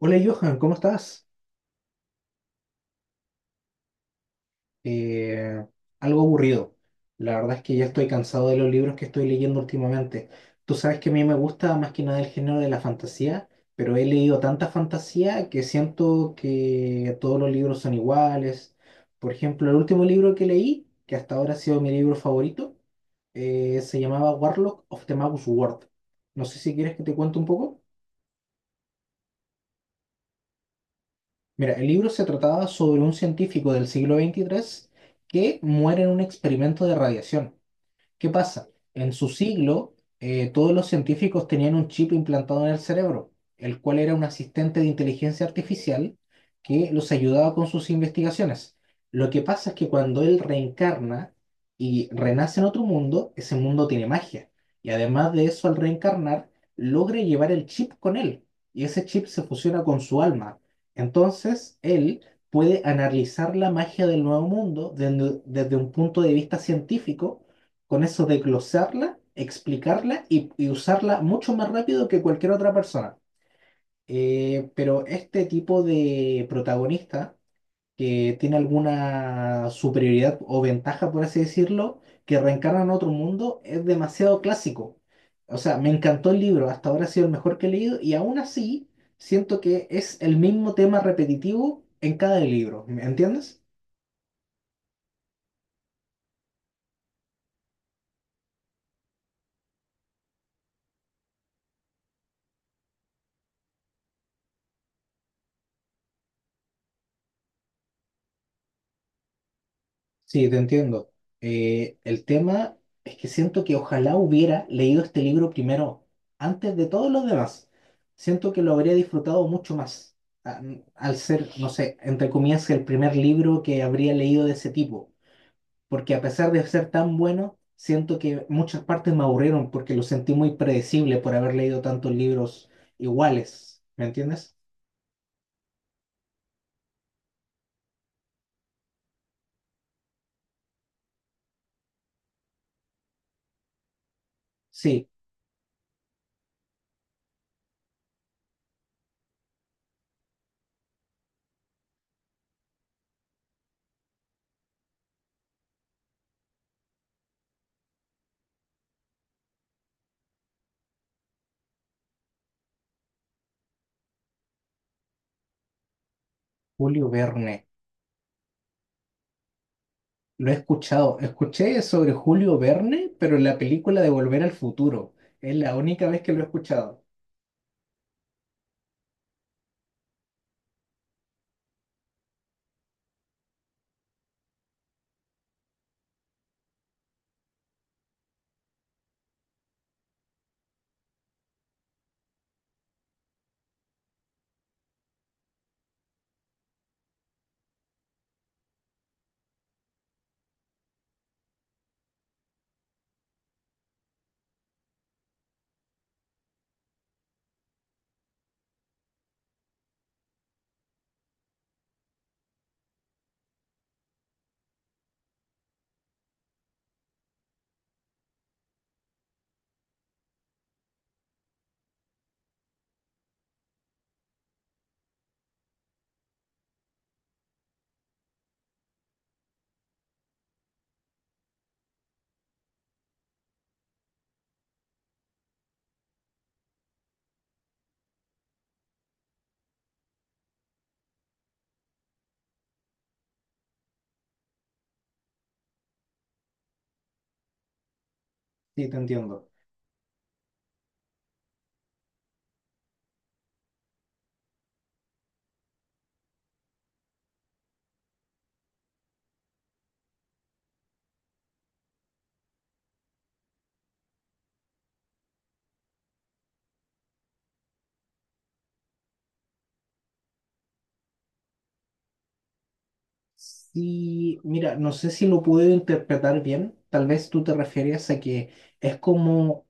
Hola Johan, ¿cómo estás? Eh, algo aburrido. La verdad es que ya estoy cansado de los libros que estoy leyendo últimamente. Tú sabes que a mí me gusta más que nada el género de la fantasía, pero he leído tanta fantasía que siento que todos los libros son iguales. Por ejemplo, el último libro que leí, que hasta ahora ha sido mi libro favorito, se llamaba Warlock of the Magus World. No sé si quieres que te cuente un poco. Mira, el libro se trataba sobre un científico del siglo 23 que muere en un experimento de radiación. ¿Qué pasa? En su siglo, todos los científicos tenían un chip implantado en el cerebro, el cual era un asistente de inteligencia artificial que los ayudaba con sus investigaciones. Lo que pasa es que cuando él reencarna y renace en otro mundo, ese mundo tiene magia. Y además de eso, al reencarnar, logra llevar el chip con él. Y ese chip se fusiona con su alma. Entonces, él puede analizar la magia del nuevo mundo desde un punto de vista científico con eso de glosarla, explicarla y usarla mucho más rápido que cualquier otra persona. Pero este tipo de protagonista que tiene alguna superioridad o ventaja, por así decirlo, que reencarna en otro mundo, es demasiado clásico. O sea, me encantó el libro, hasta ahora ha sido el mejor que he leído y aún así siento que es el mismo tema repetitivo en cada libro, ¿me entiendes? Sí, te entiendo. El tema es que siento que ojalá hubiera leído este libro primero, antes de todos los demás. Siento que lo habría disfrutado mucho más, a- al ser, no sé, entre comillas, el primer libro que habría leído de ese tipo. Porque a pesar de ser tan bueno, siento que muchas partes me aburrieron porque lo sentí muy predecible por haber leído tantos libros iguales. ¿Me entiendes? Sí, Julio Verne. Lo he escuchado. Escuché sobre Julio Verne, pero en la película de Volver al Futuro. Es la única vez que lo he escuchado. Sí, te entiendo. Sí, mira, no sé si lo puedo interpretar bien. Tal vez tú te referías a que es como,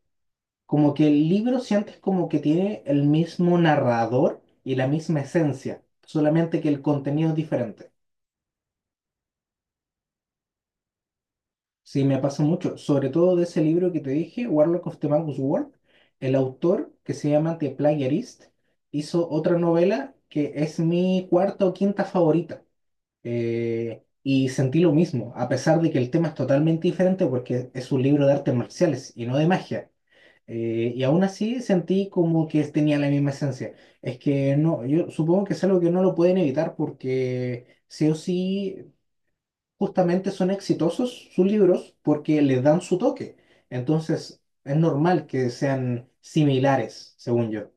como que el libro sientes como que tiene el mismo narrador y la misma esencia, solamente que el contenido es diferente. Sí, me pasa mucho, sobre todo de ese libro que te dije, Warlock of the Magus World. El autor, que se llama The Plagiarist, hizo otra novela que es mi cuarta o quinta favorita. Y sentí lo mismo, a pesar de que el tema es totalmente diferente porque es un libro de artes marciales y no de magia. Y aún así sentí como que tenía la misma esencia. Es que no, yo supongo que es algo que no lo pueden evitar porque sí o sí justamente son exitosos sus libros porque les dan su toque. Entonces, es normal que sean similares, según yo.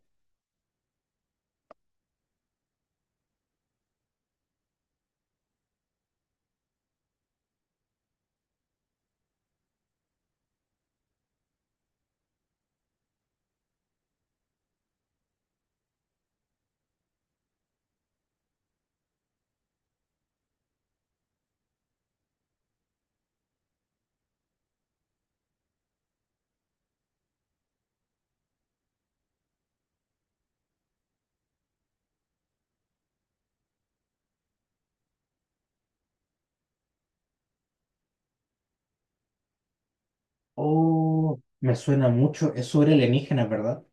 Oh, me suena mucho. Es sobre alienígenas, ¿verdad?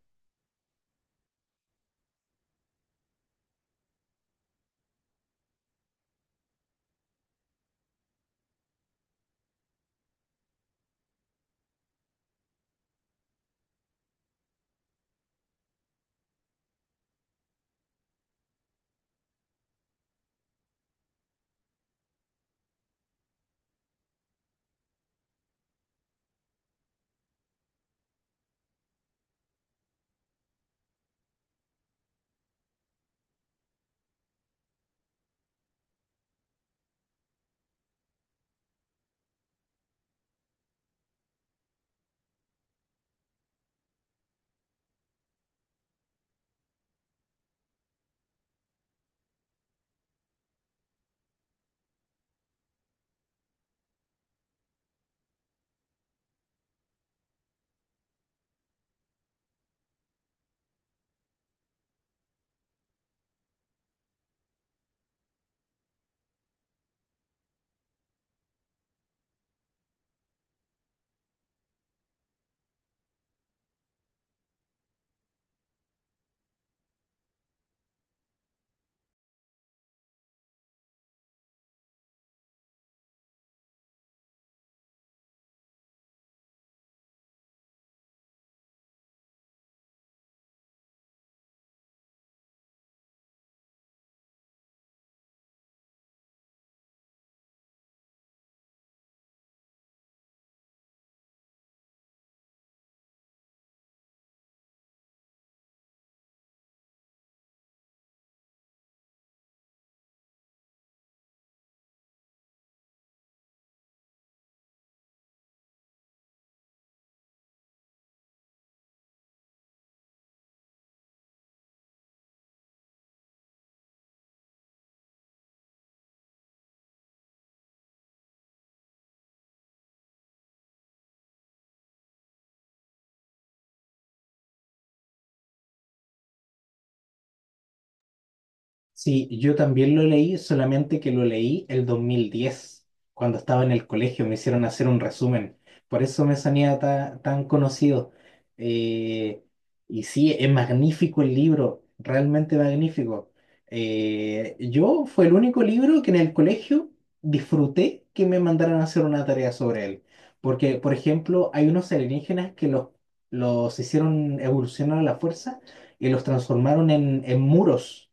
Sí, yo también lo leí, solamente que lo leí el 2010 cuando estaba en el colegio, me hicieron hacer un resumen. Por eso me sonía tan conocido. Eh, y sí, es magnífico el libro, realmente magnífico. Yo fue el único libro que en el colegio disfruté que me mandaran a hacer una tarea sobre él. Porque, por ejemplo, hay unos alienígenas que los hicieron evolucionar a la fuerza y los transformaron en muros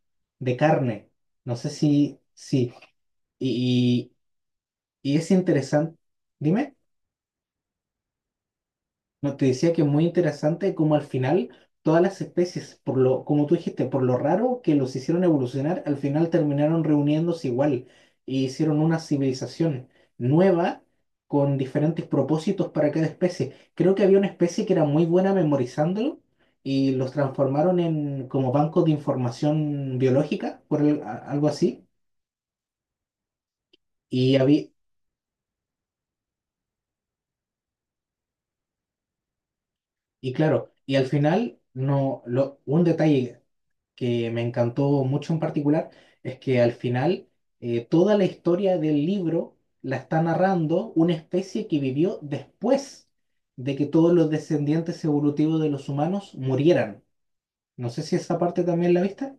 de carne. No sé si, sí. Y, y es interesante. Dime, no te decía que es muy interesante como al final todas las especies, por lo, como tú dijiste, por lo raro que los hicieron evolucionar, al final terminaron reuniéndose igual y hicieron una civilización nueva con diferentes propósitos para cada especie. Creo que había una especie que era muy buena memorizándolo y los transformaron en como bancos de información biológica, por algo así. Y había, y claro, y al final, no, lo, un detalle que me encantó mucho en particular es que al final toda la historia del libro la está narrando una especie que vivió después de que todos los descendientes evolutivos de los humanos murieran. No sé si esa parte también la viste.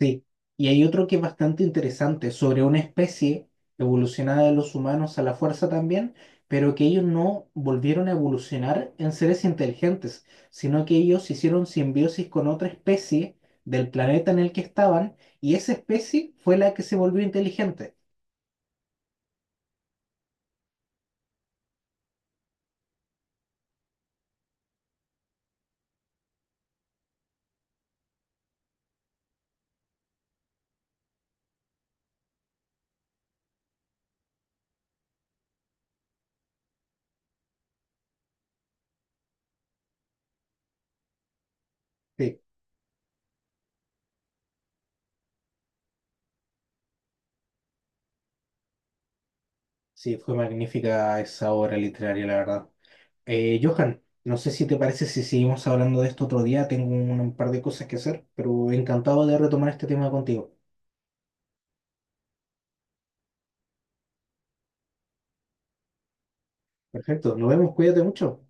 Sí, y hay otro que es bastante interesante sobre una especie evolucionada de los humanos a la fuerza también, pero que ellos no volvieron a evolucionar en seres inteligentes, sino que ellos hicieron simbiosis con otra especie del planeta en el que estaban y esa especie fue la que se volvió inteligente. Sí, sí, fue magnífica esa obra literaria, la verdad. Johan, no sé si te parece si seguimos hablando de esto otro día, tengo un par de cosas que hacer, pero encantado de retomar este tema contigo. Perfecto, nos vemos, cuídate mucho.